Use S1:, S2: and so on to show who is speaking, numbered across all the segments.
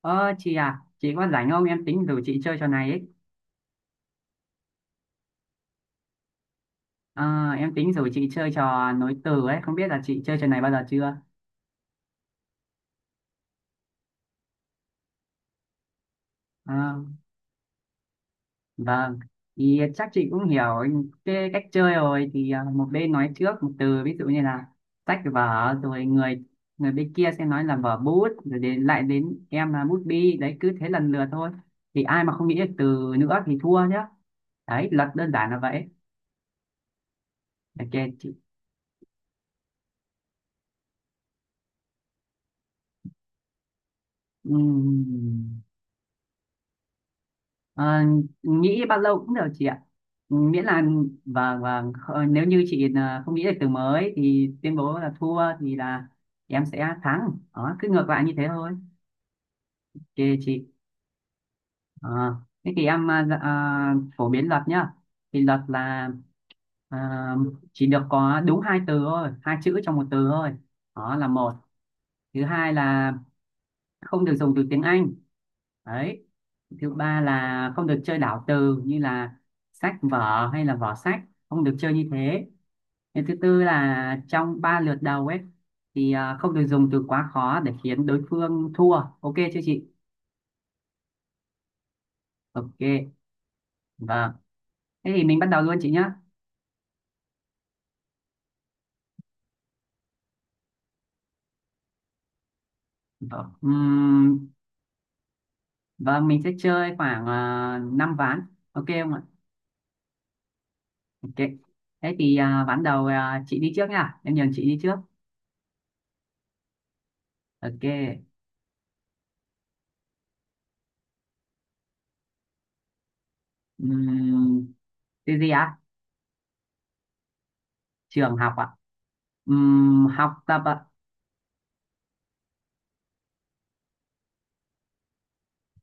S1: Ờ chị à, chị có rảnh không? Em tính rủ chị chơi trò này ấy. Ờ, em tính rủ chị chơi trò nối từ ấy, không biết là chị chơi trò này bao giờ chưa? Ờ, vâng, thì chắc chị cũng hiểu cái cách chơi rồi thì một bên nói trước một từ ví dụ như là sách vở rồi người người bên kia sẽ nói là vở bút rồi đến lại đến em là bút bi đấy cứ thế lần lượt thôi thì ai mà không nghĩ được từ nữa thì thua nhá, đấy luật đơn giản là vậy. Ok chị. Ừm. Ờ, nghĩ bao lâu cũng được chị ạ. Ừ, miễn là nếu như chị là không nghĩ được từ mới thì tuyên bố là thua thì là em sẽ thắng đó, cứ ngược lại như thế thôi. Ok chị. Ờ, thế thì em phổ biến luật nhá, thì luật là à, chỉ được có đúng hai từ thôi, hai chữ trong một từ thôi, đó là một. Thứ hai là không được dùng từ tiếng Anh đấy. Thứ ba là không được chơi đảo từ như là sách vở hay là vỏ sách, không được chơi như thế. Cái thứ tư là trong ba lượt đầu ấy thì không được dùng từ quá khó để khiến đối phương thua. Ok chưa chị? Ok. Vâng, thế thì mình bắt đầu luôn chị nhé. Vâng. Vâng, mình sẽ chơi khoảng 5 ván, ok không ạ? Ok, thế thì ván đầu, chị đi trước nha, em nhường chị đi trước. Ok. Ừm, từ gì ạ? Trường học ạ. Học tập ạ.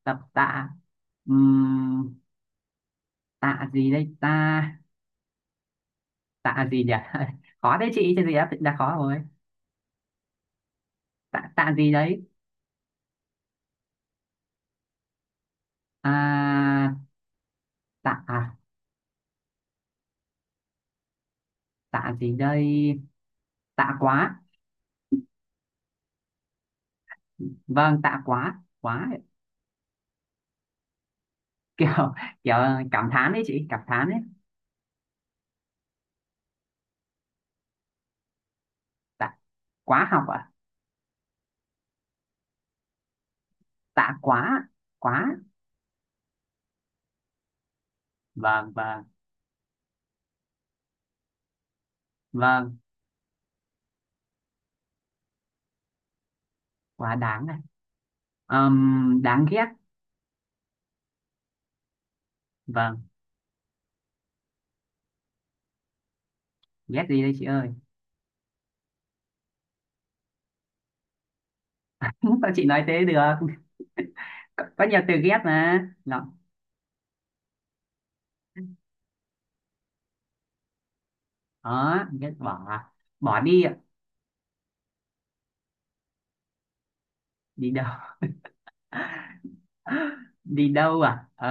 S1: Tập tạ. Ừm, tạ gì đây ta? Tạ gì nhỉ? Khó đấy chị, chứ gì đã khó rồi. Tạ, tạ gì đấy? à, tạ tạ gì đây? Tạ quá. Vâng, tạ quá quá. Kiểu, kiểu cảm thán đấy chị, cảm thán đấy. Tạ quá học ạ. Tạ quá quá. Vâng vâng. Vâng, quá đáng này. Đáng ghét. Vâng. Ghét gì đây chị ơi? Sao chị nói thế được, có nhiều từ ghép mà nó. Đó ghét bỏ à? Bỏ đi ạ. Đi đâu? Đi đâu à? Ờ,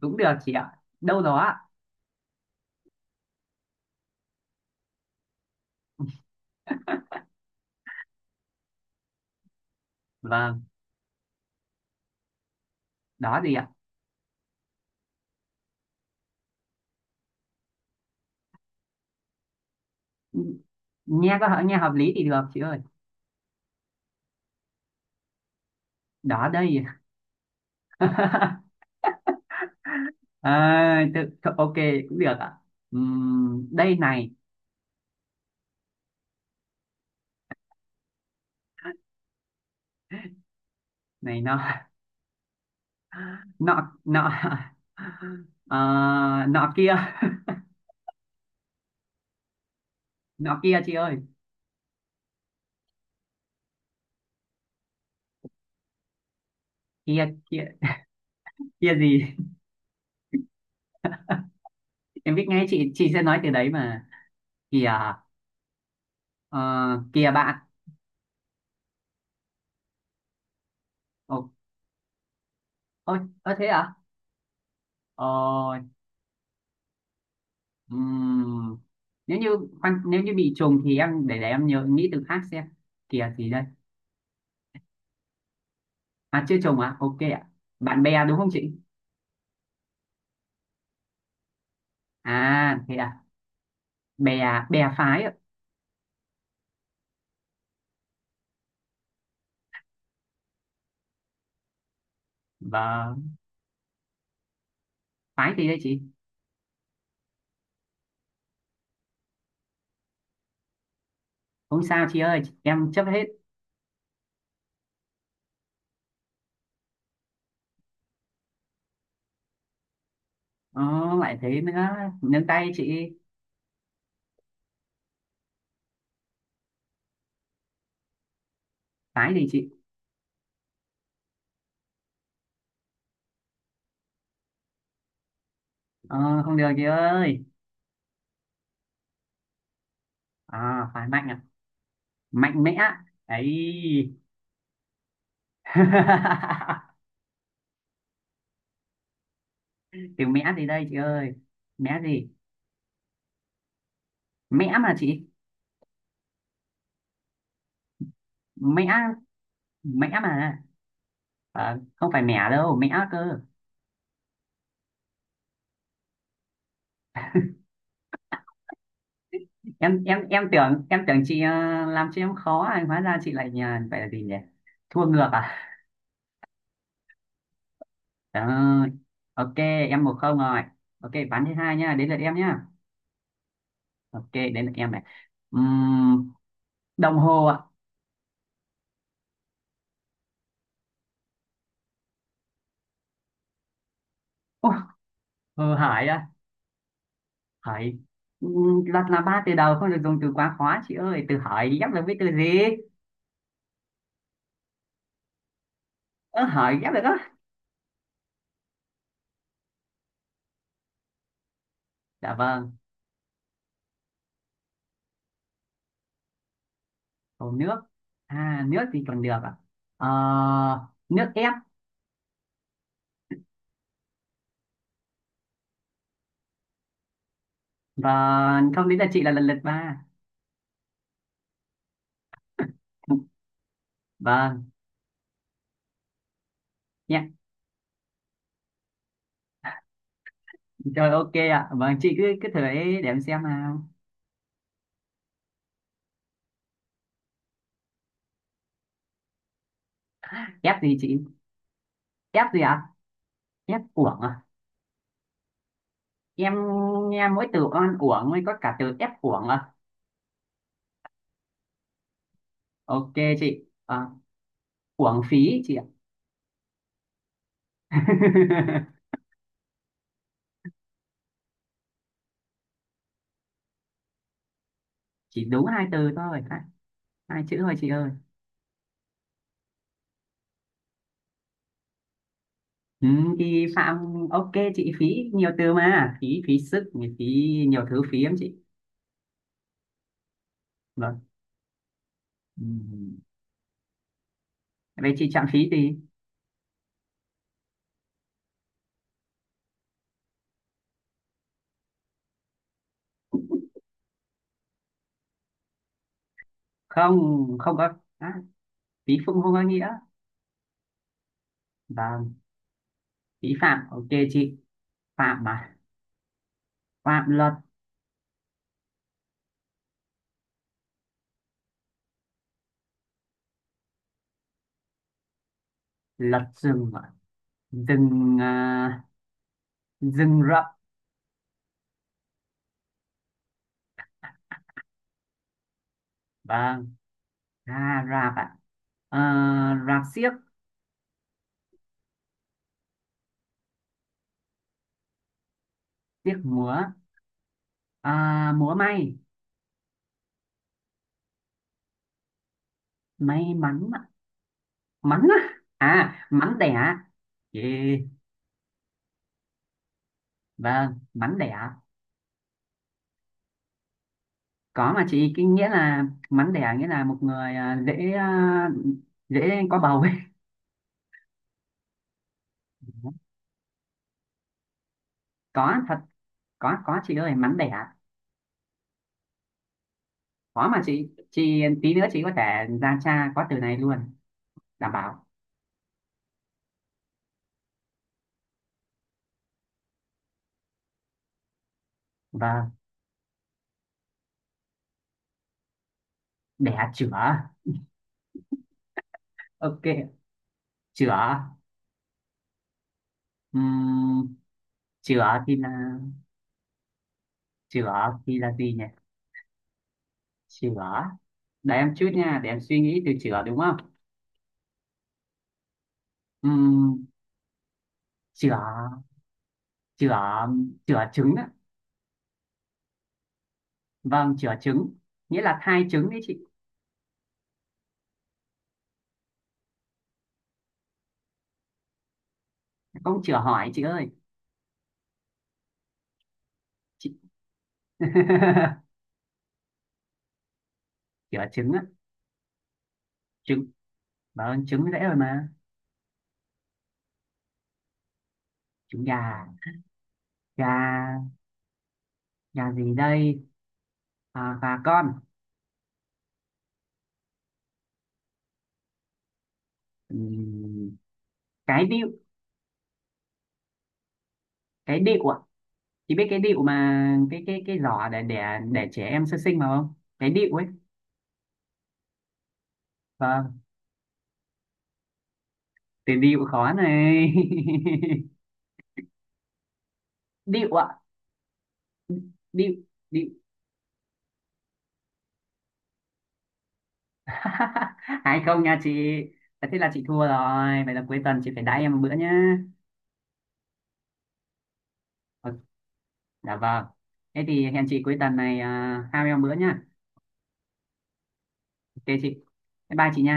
S1: cũng được chị ạ, đâu đó ạ. Vâng. Đó gì ạ? Nghe nghe hợp lý thì được chị ơi. Đó đây. à, tự, ok, cũng được ạ. Đây này. Này nọ. Nọ nọ. Ờ, nọ kia. Nọ kia chị ơi. Kia kia. Kia gì? Em biết ngay chị sẽ nói từ đấy mà. Kìa. Ờ, kìa bạn. Ok. Ôi, ơ thế à? Ờ. Ừm, nếu như khoan, nếu như bị trùng thì em để em nghĩ từ khác xem. Kìa gì đây? À chưa trùng à? Ok ạ. Bạn bè đúng không chị? À thế à? Bè, bè phái ạ. Vâng, phái gì đây chị? Không sao chị ơi, em chấp hết. Ờ, lại thế nữa, nâng tay chị. Phái gì chị? Ờ, không được chị ơi. À, phái mạnh à? Mạnh mẽ. Ấy. Từ mẽ gì đây chị ơi? Mẽ gì? Mẽ mà chị. Mẹ. Mẹ mà. Ờ, không phải mẹ đâu, mẹ cơ. Em tưởng, em tưởng chị làm cho em khó à, hóa ra chị lại nhờ phải là gì nhỉ, thua ngược à? Trời ơi. Ok, em một không rồi. Ok, ván thứ hai nhá, đến lượt em nhá. Ok, đến lượt em này. Ừm, đồng hồ ạ. Ủa, Hồ Hải à? Hải. Đặt là ba từ đầu không được dùng từ quá khó chị ơi, từ hỏi ghép được với từ gì? Ơ hỏi ghép được á? Dạ vâng. Cầu nước. À nước thì còn được à? Ờ, nước ép. Và không đến là chị là lần lượt ba. Vâng. Nhé. Rồi ok ạ, vâng chị cứ cứ thử ấy để em xem nào. Ép gì chị? Ép gì ạ? Ép uổng à? Em nghe mỗi từ oan uổng mới có cả từ ép uổng à? Ok chị. Ờ, uổng phí chị ạ. Chỉ đúng hai từ thôi, hai, hai chữ thôi chị ơi. Ừ, thì Phạm. Ok chị, phí nhiều từ mà, phí phí sức, phí, nhiều thứ phí lắm chị. Vâng. Ừ. Vậy chị chạm phí gì? Không, không có. À, phí phụ không có nghĩa. Vâng, phí phạm. Ok chị. Phạm mà. Phạm luật. Luật rừng ạ. Rừng, à, rừng rậm. Vâng. À, rạp ạ. À, rạp xiếc. Xiếc múa. À, múa may. May mắn ạ. Mắn á. À, mắn đẻ. Yeah. Vâng, mắn đẻ. Có mà chị, cái nghĩa là mắn đẻ nghĩa là một người dễ có bầu ấy. Có thật. Có chị ơi, mắn đẻ. Khó mà chị, tí nữa chị có thể ra cha có từ này luôn, đảm bảo. Vâng. Đẻ chửa. Ok. Chửa. Ừm, chửa thì là, chửa thì là gì nhỉ, chửa, để em chút nha để em suy nghĩ, từ chửa đúng không? Ừm, chửa chửa chửa trứng á. Vâng, chửa trứng, nghĩa là thai trứng đấy chị. Không chửa hỏi chị ơi. Chị. Chửa trứng á. Trứng. Vâng, trứng dễ rồi mà. Trứng gà. Gà. Gà gì đây? À, gà con. Ừm, cái điệu. Cái điệu ạ. Chị biết cái điệu mà, cái giỏ để trẻ em sơ sinh mà không, cái điệu ấy. Vâng. Từ điệu khó này. Điệu ạ. Điệu. Điệu. Hay không nha chị? Thế là chị thua rồi, vậy là cuối tuần chị phải đãi em một bữa nhá. Ờ, dạ vâng, thế thì hẹn chị cuối tuần này, à, hai em một bữa nhá. Ok chị. Bye bye chị nha.